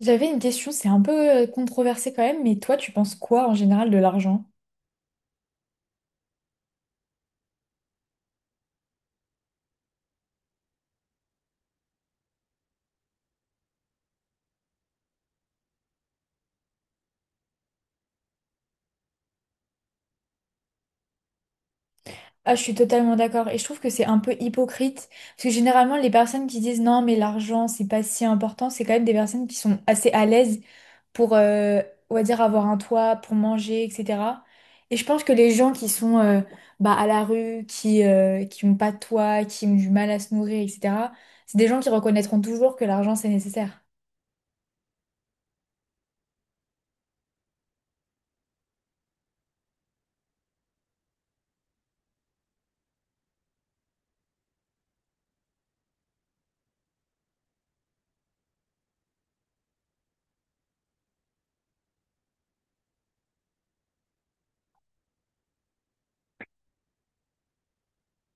J'avais une question, c'est un peu controversé quand même, mais toi, tu penses quoi en général de l'argent? Ah, je suis totalement d'accord et je trouve que c'est un peu hypocrite parce que généralement, les personnes qui disent non, mais l'argent, c'est pas si important, c'est quand même des personnes qui sont assez à l'aise pour, on va dire, avoir un toit, pour manger, etc. Et je pense que les gens qui sont bah, à la rue, qui ont pas de toit, qui ont du mal à se nourrir, etc., c'est des gens qui reconnaîtront toujours que l'argent, c'est nécessaire.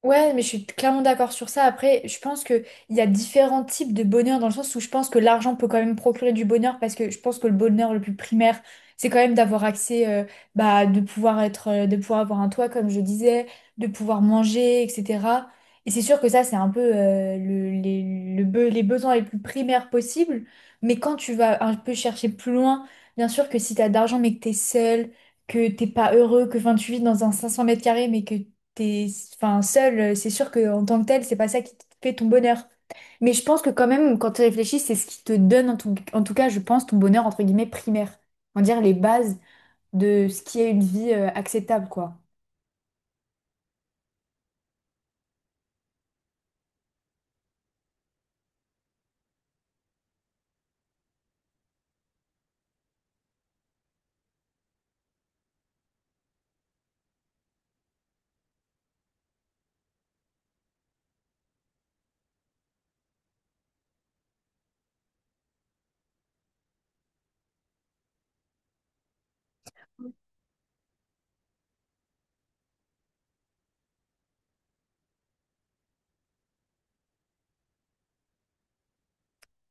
Ouais, mais je suis clairement d'accord sur ça. Après, je pense que il y a différents types de bonheur dans le sens où je pense que l'argent peut quand même procurer du bonheur parce que je pense que le bonheur le plus primaire, c'est quand même d'avoir accès, bah, de pouvoir de pouvoir avoir un toit, comme je disais, de pouvoir manger, etc. Et c'est sûr que ça, c'est un peu, les besoins les plus primaires possibles. Mais quand tu vas un peu chercher plus loin, bien sûr que si t'as d'argent mais que t'es seul, que t'es pas heureux, que fin tu vis dans un 500 m² mais que t'es enfin, seul, c'est sûr que en tant que tel, c'est pas ça qui te fait ton bonheur. Mais je pense que quand même, quand tu réfléchis, c'est ce qui te donne, en tout cas, je pense, ton bonheur, entre guillemets, primaire. On va dire les bases de ce qui est une vie acceptable, quoi.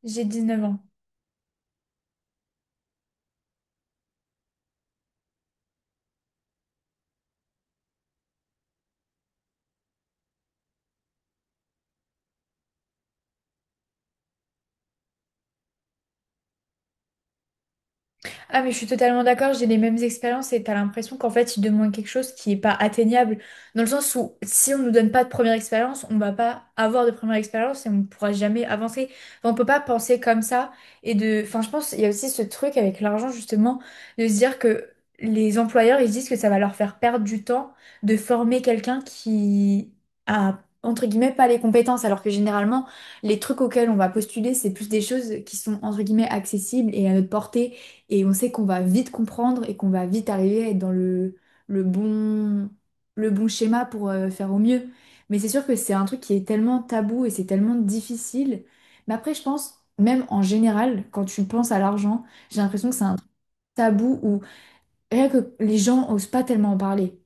J'ai 19 ans. Ah, mais je suis totalement d'accord, j'ai les mêmes expériences et t'as l'impression qu'en fait, il demande quelque chose qui n'est pas atteignable. Dans le sens où, si on ne nous donne pas de première expérience, on va pas avoir de première expérience et on ne pourra jamais avancer. Enfin, on peut pas penser comme ça. Et de... Enfin, je pense, il y a aussi ce truc avec l'argent, justement, de se dire que les employeurs, ils se disent que ça va leur faire perdre du temps de former quelqu'un qui a, entre guillemets, pas les compétences, alors que généralement, les trucs auxquels on va postuler, c'est plus des choses qui sont, entre guillemets, accessibles et à notre portée et on sait qu'on va vite comprendre et qu'on va vite arriver à être dans le bon, le bon schéma pour faire au mieux. Mais c'est sûr que c'est un truc qui est tellement tabou et c'est tellement difficile. Mais après, je pense, même en général, quand tu penses à l'argent, j'ai l'impression que c'est un truc tabou où rien que les gens osent pas tellement en parler.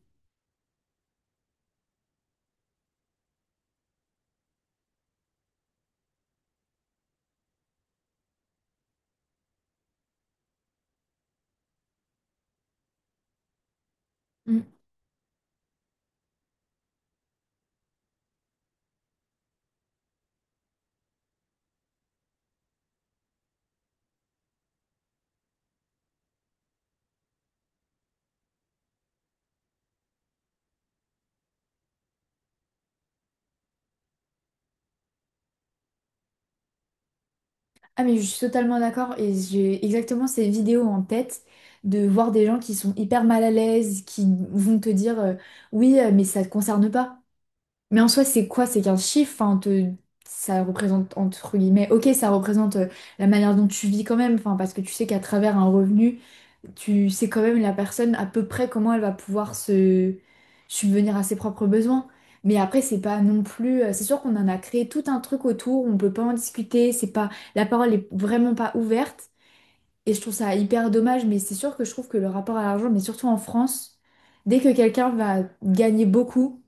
Mm. Ah, mais je suis totalement d'accord et j'ai exactement ces vidéos en tête de voir des gens qui sont hyper mal à l'aise, qui vont te dire oui, mais ça te concerne pas. Mais en soi, c'est quoi? C'est qu'un chiffre, ça représente, entre guillemets, ok, ça représente la manière dont tu vis quand même, enfin, parce que tu sais qu'à travers un revenu, tu sais quand même la personne à peu près comment elle va pouvoir se subvenir à ses propres besoins. Mais après, c'est pas non plus. C'est sûr qu'on en a créé tout un truc autour, on peut pas en discuter, c'est pas, la parole est vraiment pas ouverte. Et je trouve ça hyper dommage, mais c'est sûr que je trouve que le rapport à l'argent, mais surtout en France, dès que quelqu'un va gagner beaucoup,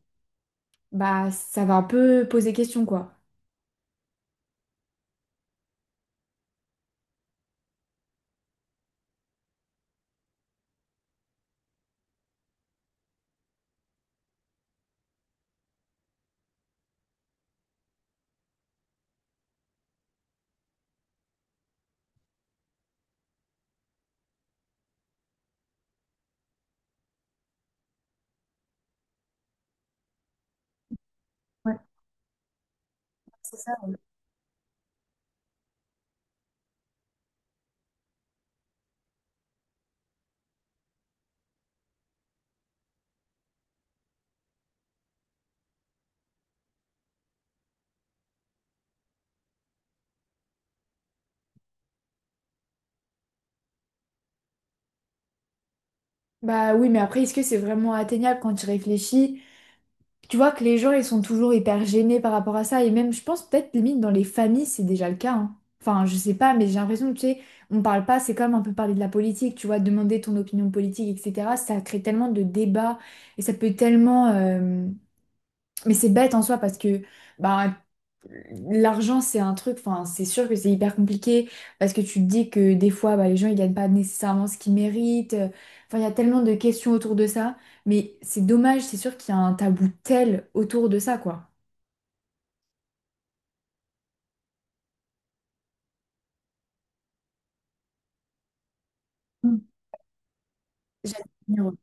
bah ça va un peu poser question quoi. Ouais, c'est ça. Ouais. Bah oui, mais après, est-ce que c'est vraiment atteignable quand tu réfléchis? Tu vois que les gens, ils sont toujours hyper gênés par rapport à ça. Et même, je pense peut-être limite dans les familles, c'est déjà le cas, hein. Enfin, je sais pas, mais j'ai l'impression que tu sais, on parle pas, c'est comme un peu parler de la politique, tu vois, demander ton opinion politique, etc. Ça crée tellement de débats et ça peut tellement. Mais c'est bête en soi parce que bah, l'argent, c'est un truc, enfin, c'est sûr que c'est hyper compliqué parce que tu te dis que des fois, bah, les gens, ils gagnent pas nécessairement ce qu'ils méritent. Enfin, il y a tellement de questions autour de ça, mais c'est dommage, c'est sûr qu'il y a un tabou tel autour de ça, quoi. Mm. J'admire.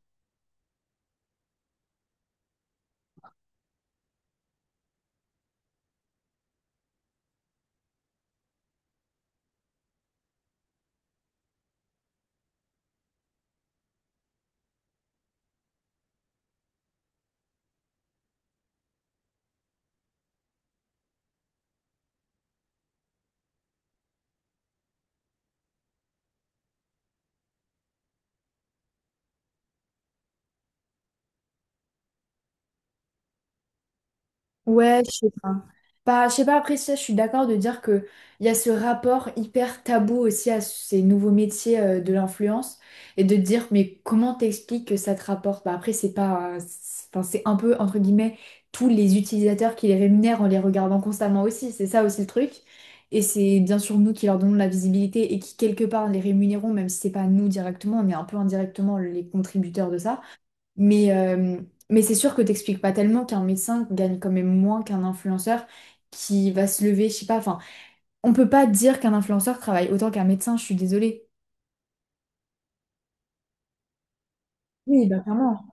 Ouais, je sais pas. Bah, je sais pas, après ça, je suis d'accord de dire que il y a ce rapport hyper tabou aussi à ces nouveaux métiers de l'influence et de dire, mais comment t'expliques que ça te rapporte? Bah, après, c'est pas, enfin, c'est un peu, entre guillemets, tous les utilisateurs qui les rémunèrent en les regardant constamment aussi, c'est ça aussi le truc. Et c'est bien sûr nous qui leur donnons la visibilité et qui, quelque part, les rémunérons, même si c'est pas nous directement, on est un peu indirectement les contributeurs de ça. Mais, euh, mais c'est sûr que t'expliques pas tellement qu'un médecin gagne quand même moins qu'un influenceur qui va se lever, je sais pas, enfin, on peut pas dire qu'un influenceur travaille autant qu'un médecin, je suis désolée. Oui, bah clairement.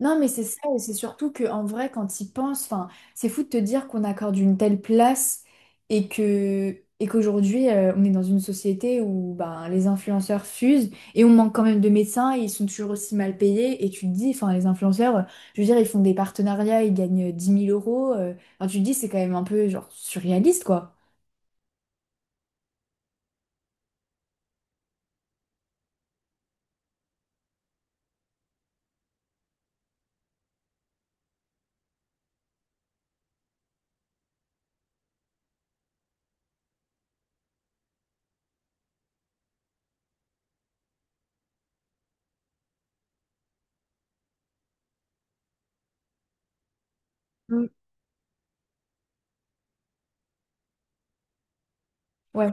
Non, mais c'est ça, et c'est surtout que en vrai, quand ils pensent, enfin, c'est fou de te dire qu'on accorde une telle place et que et qu'aujourd'hui, on est dans une société où ben, les influenceurs fusent et on manque quand même de médecins et ils sont toujours aussi mal payés. Et tu te dis, enfin, les influenceurs, je veux dire, ils font des partenariats, ils gagnent dix mille euros. Enfin, tu te dis, c'est quand même un peu genre surréaliste, quoi. Mm. Ouais.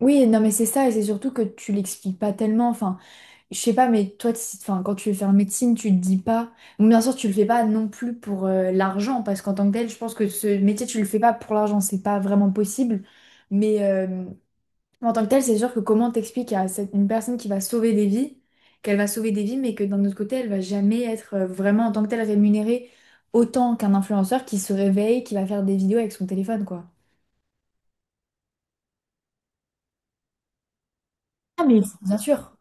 Oui, non, mais c'est ça, et c'est surtout que tu l'expliques pas tellement. Enfin, je sais pas, mais enfin, quand tu veux faire médecine, tu te dis pas. Bon, bien sûr, tu le fais pas non plus pour l'argent, parce qu'en tant que tel, je pense que ce métier, tu le fais pas pour l'argent, c'est pas vraiment possible. Mais en tant que tel, c'est sûr que comment t'expliques à une personne qui va sauver des vies, qu'elle va sauver des vies, mais que d'un autre côté, elle va jamais être vraiment en tant que telle rémunérée autant qu'un influenceur qui se réveille, qui va faire des vidéos avec son téléphone, quoi. Ah, mais bien sûr.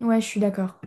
Ouais, je suis d'accord.